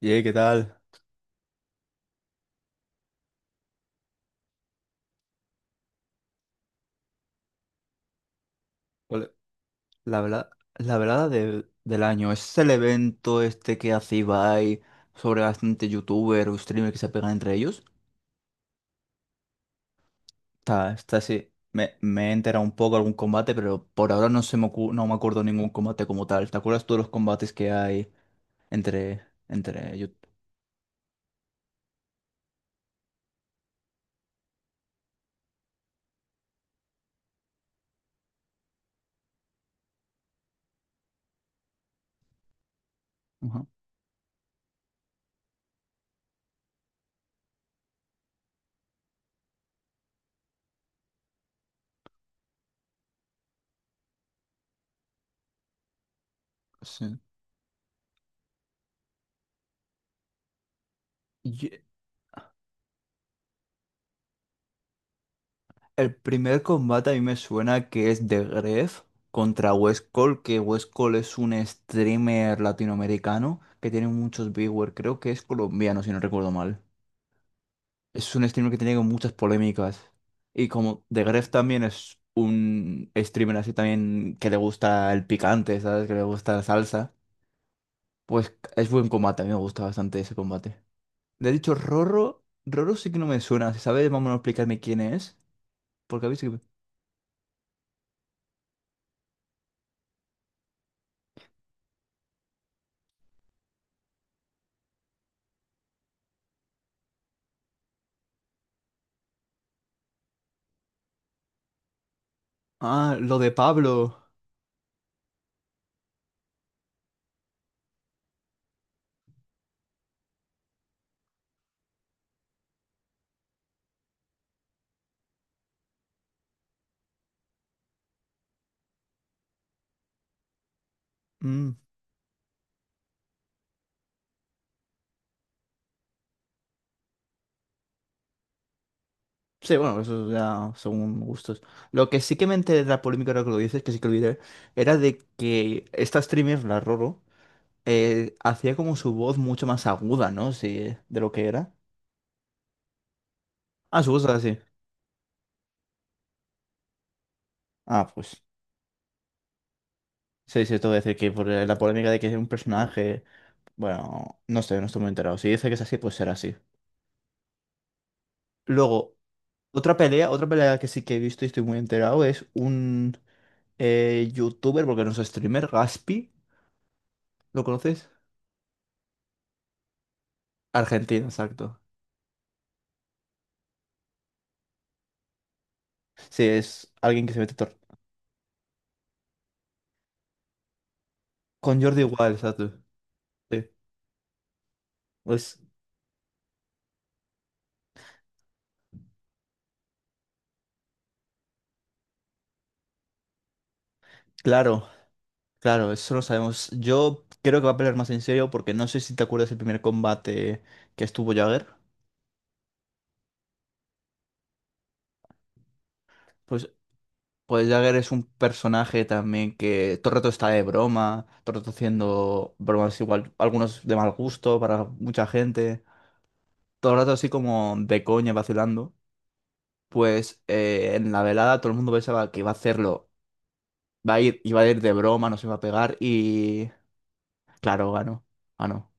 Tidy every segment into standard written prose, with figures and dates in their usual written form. Ye, ¿qué tal? Ole, La verdad de del año, es el evento este que hace Ibai sobre bastante youtuber o streamer que se pegan entre ellos. Está así. Me he enterado un poco algún combate, pero por ahora no me acuerdo ningún combate como tal. ¿Te acuerdas tú de los combates que hay entre youtubers? Sí. El primer combate a mí me suena que es The Gref contra West Cole, que West Cole es un streamer latinoamericano que tiene muchos viewers, creo que es colombiano si no recuerdo mal. Es un streamer que tiene como muchas polémicas. Y como The Gref también es un streamer así también que le gusta el picante, ¿sabes? Que le gusta la salsa. Pues es buen combate, a mí me gusta bastante ese combate. Le he dicho Rorro, Rorro sí que no me suena, si sabes, vamos a explicarme quién es, porque a mí sí que... Ah, lo de Pablo. Mm. Sí, bueno, eso ya según gustos. Lo que sí que me enteré de la polémica, ahora que lo dices, que sí que olvidé, era de que esta streamer, la Roro, hacía como su voz mucho más aguda, ¿no? Sí, de lo que era. Ah, su voz era así. Ah, pues. Sí, sí, esto voy a decir que por la polémica de que es un personaje. Bueno, no sé, no estoy muy enterado. Si dice que es así, pues será así. Luego, otra pelea que sí que he visto y estoy muy enterado es un youtuber, porque no es streamer, Gaspi. ¿Lo conoces? Argentina, exacto. Sí, es alguien que se mete tor. Con Jordi igual, exacto. Sí. Pues claro, claro, eso lo sabemos. Yo creo que va a pelear más en serio porque no sé si te acuerdas el primer combate que estuvo Jagger. Pues, pues Jagger es un personaje también que todo el rato está de broma, todo el rato haciendo bromas igual, algunos de mal gusto para mucha gente. Todo el rato así como de coña, vacilando. Pues en la velada todo el mundo pensaba que iba a hacerlo, iba a ir de broma, nos iba a pegar y... Claro, ganó. Ganó.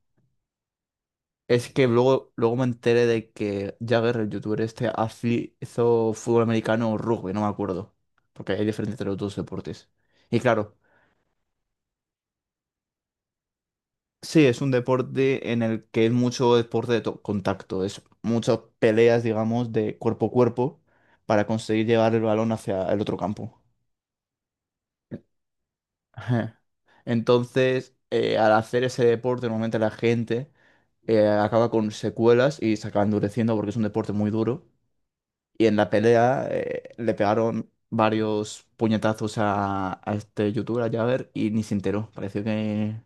Es que luego me enteré de que Jagger, el youtuber este, hizo fútbol americano o rugby, no me acuerdo. Porque hay diferencia entre los dos deportes. Y claro, sí, es un deporte en el que es mucho deporte de contacto. Es muchas peleas, digamos, de cuerpo a cuerpo para conseguir llevar el balón hacia el otro campo. Ajá. Entonces, al hacer ese deporte, normalmente la gente acaba con secuelas y se acaba endureciendo porque es un deporte muy duro. Y en la pelea le pegaron varios puñetazos a este youtuber, a Jagger, y ni se enteró. Pareció que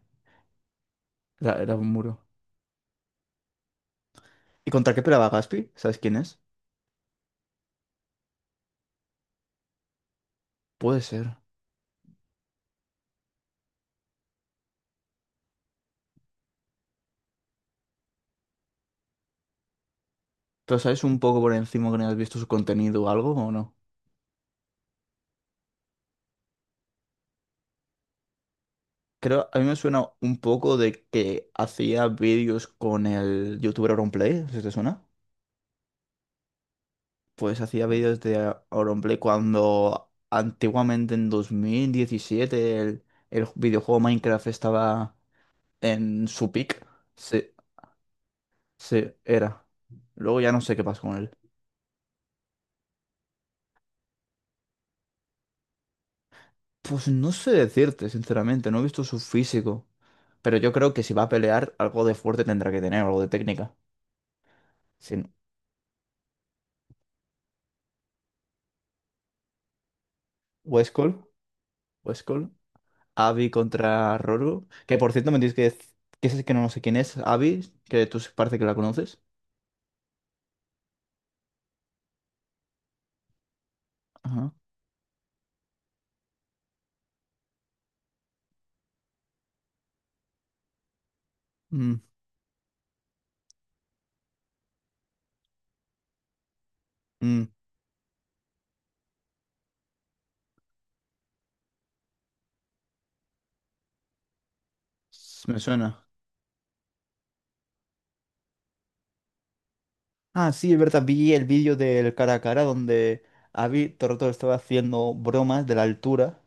era un muro. ¿Y contra qué peleaba Gaspi? ¿Sabes quién es? Puede ser. ¿Pero sabes un poco por encima que no has visto su contenido o algo o no? Creo, a mí me suena un poco de que hacía vídeos con el youtuber Auronplay, ¿se te suena? Pues hacía vídeos de Auronplay cuando antiguamente en 2017 el videojuego Minecraft estaba en su pick. Sí, sí, era. Luego ya no sé qué pasa con él. Pues no sé decirte, sinceramente, no he visto su físico. Pero yo creo que si va a pelear, algo de fuerte tendrá que tener, algo de técnica. Sin Westcall, Westcall, Abby contra Rorgu. Que por cierto me tienes que decir que es que no sé quién es, Abby, que tú parece que la conoces. Ajá. Mm, mm, me suena. Ah, sí, es verdad, vi el vídeo del cara a cara donde Abby todo el rato estaba haciendo bromas de la altura.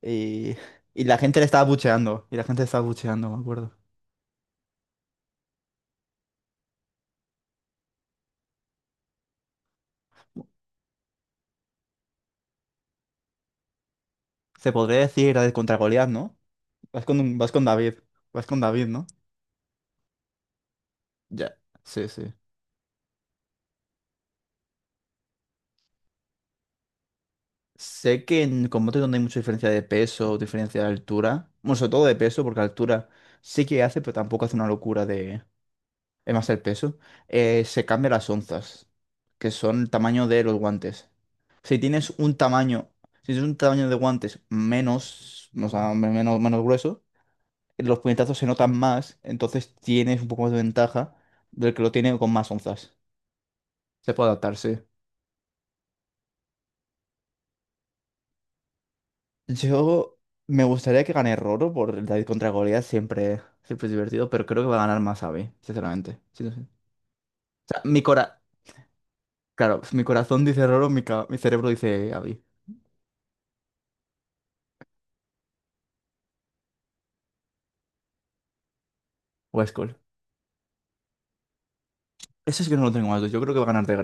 Y, y la gente le estaba bucheando. Y la gente le estaba bucheando, me acuerdo. Se podría decir la de contra Goliat, ¿no? Vas con David. Vas con David, ¿no? Ya. Sí, sí. Sé que en combate donde hay mucha diferencia de peso, diferencia de altura. Bueno, sobre todo de peso, porque altura sí que hace, pero tampoco hace una locura de. Es más el peso. Se cambian las onzas, que son el tamaño de los guantes. Si tienes un tamaño. Si tienes un tamaño de guantes menos, o sea, menos grueso los puñetazos se notan más, entonces tienes un poco más de ventaja del que lo tiene con más onzas. Se puede adaptar, sí. Yo me gustaría que gane Roro por el David contra Goliath, siempre, siempre es divertido, pero creo que va a ganar Masabi, sinceramente. Sí, sí, sí. O sea, mi cora... Claro, mi corazón dice Roro, mi cerebro dice Abby. O Skull. Eso es que no lo tengo más. Yo creo que va a ganar de.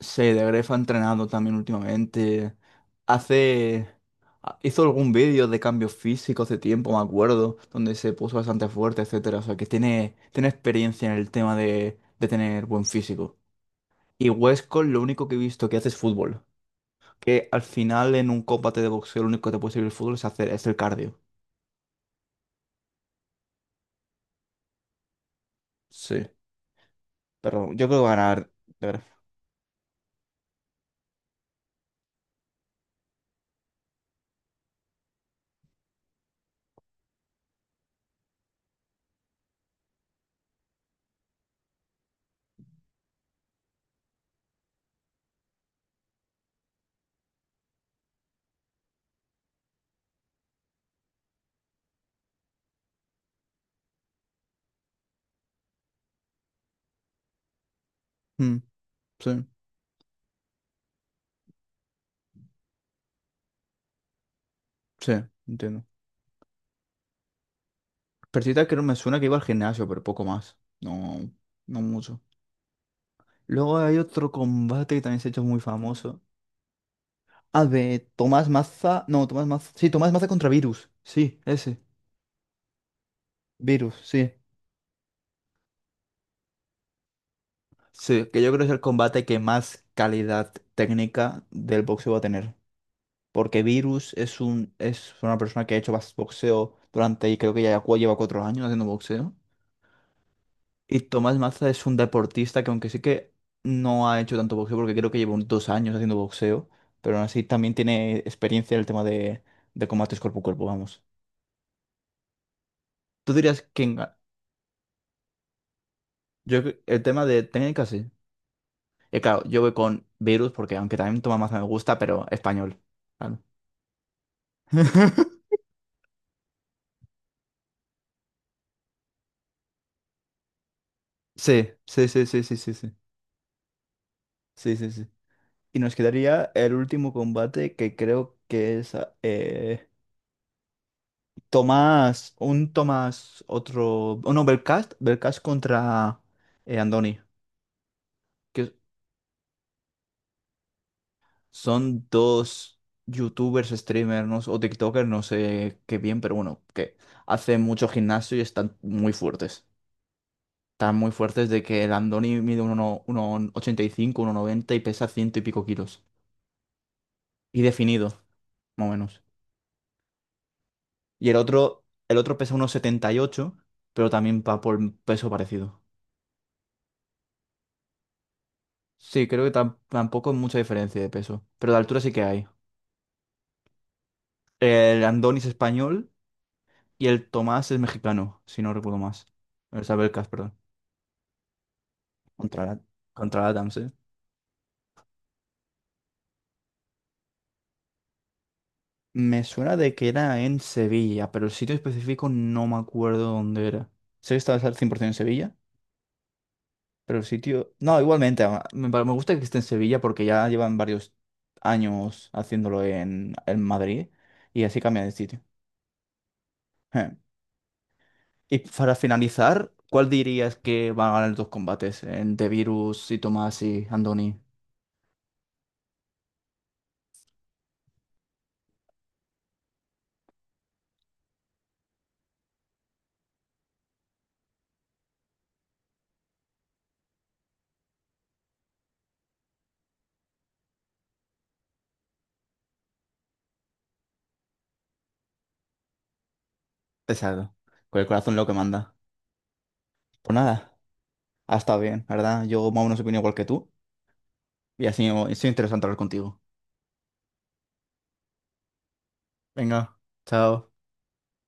Sí, de Grefg ha entrenado también últimamente. Hace... Hizo algún vídeo de cambios físicos hace tiempo, me acuerdo, donde se puso bastante fuerte, etcétera. O sea, que tiene experiencia en el tema de tener buen físico. Y Westcott lo único que he visto que hace es fútbol. Que al final en un combate de boxeo lo único que te puede servir el fútbol es el cardio. Sí. Pero yo creo que va a ganar de Grefg. Mm, sí, sí, entiendo. Persita creo me suena que iba al gimnasio, pero poco más. No, no mucho. Luego hay otro combate que también se ha hecho muy famoso. Ah, de Tomás Maza. No, Tomás Maza. Sí, Tomás Maza contra Virus. Sí, ese. Virus, sí. Sí, que yo creo que es el combate que más calidad técnica del boxeo va a tener. Porque Virus es una persona que ha hecho boxeo durante, y creo que ya lleva 4 años haciendo boxeo. Y Tomás Maza es un deportista que aunque sí que no ha hecho tanto boxeo, porque creo que lleva unos 2 años haciendo boxeo, pero aún así también tiene experiencia en el tema de combates cuerpo a cuerpo, vamos. Tú dirías que en- yo, cre- El tema de técnicas, sí. Y claro, yo voy con Virus porque aunque también Tomás Maza me gusta, pero español. Claro. Sí, sí, sí, sí, sí, sí, sí, sí, sí, sí. Y nos quedaría el último combate que creo que es eh, Tomás, un Tomás, otro, oh, no, Belcast contra Andoni, que son dos youtubers, streamers, no sé, o TikTokers, no sé qué bien, pero bueno, que hacen mucho gimnasio y están muy fuertes. Están muy fuertes de que el Andoni mide 1,85, uno 1,90 y pesa ciento y pico kilos. Y definido, más o menos. Y el otro pesa 1,78 pero también va por peso parecido. Sí, creo que tampoco hay mucha diferencia de peso, pero de altura sí que hay. El Andoni es español y el Tomás es mexicano, si no recuerdo más. El Sabelcas, perdón. Contra la, contra la Adams, ¿eh? Me suena de que era en Sevilla, pero el sitio específico no me acuerdo dónde era. Sé que estaba al 100% en Sevilla, pero el sitio... No, igualmente, me gusta que esté en Sevilla porque ya llevan varios años haciéndolo en Madrid y así cambia de sitio. Y para finalizar, ¿cuál dirías que van a ganar los dos combates? En The Virus y Tomás y Andoni. Exacto. Con el corazón lo que manda. Pues nada, ha estado bien, ¿verdad? Yo más o menos opino igual que tú. Y así es interesante hablar contigo. Venga, chao.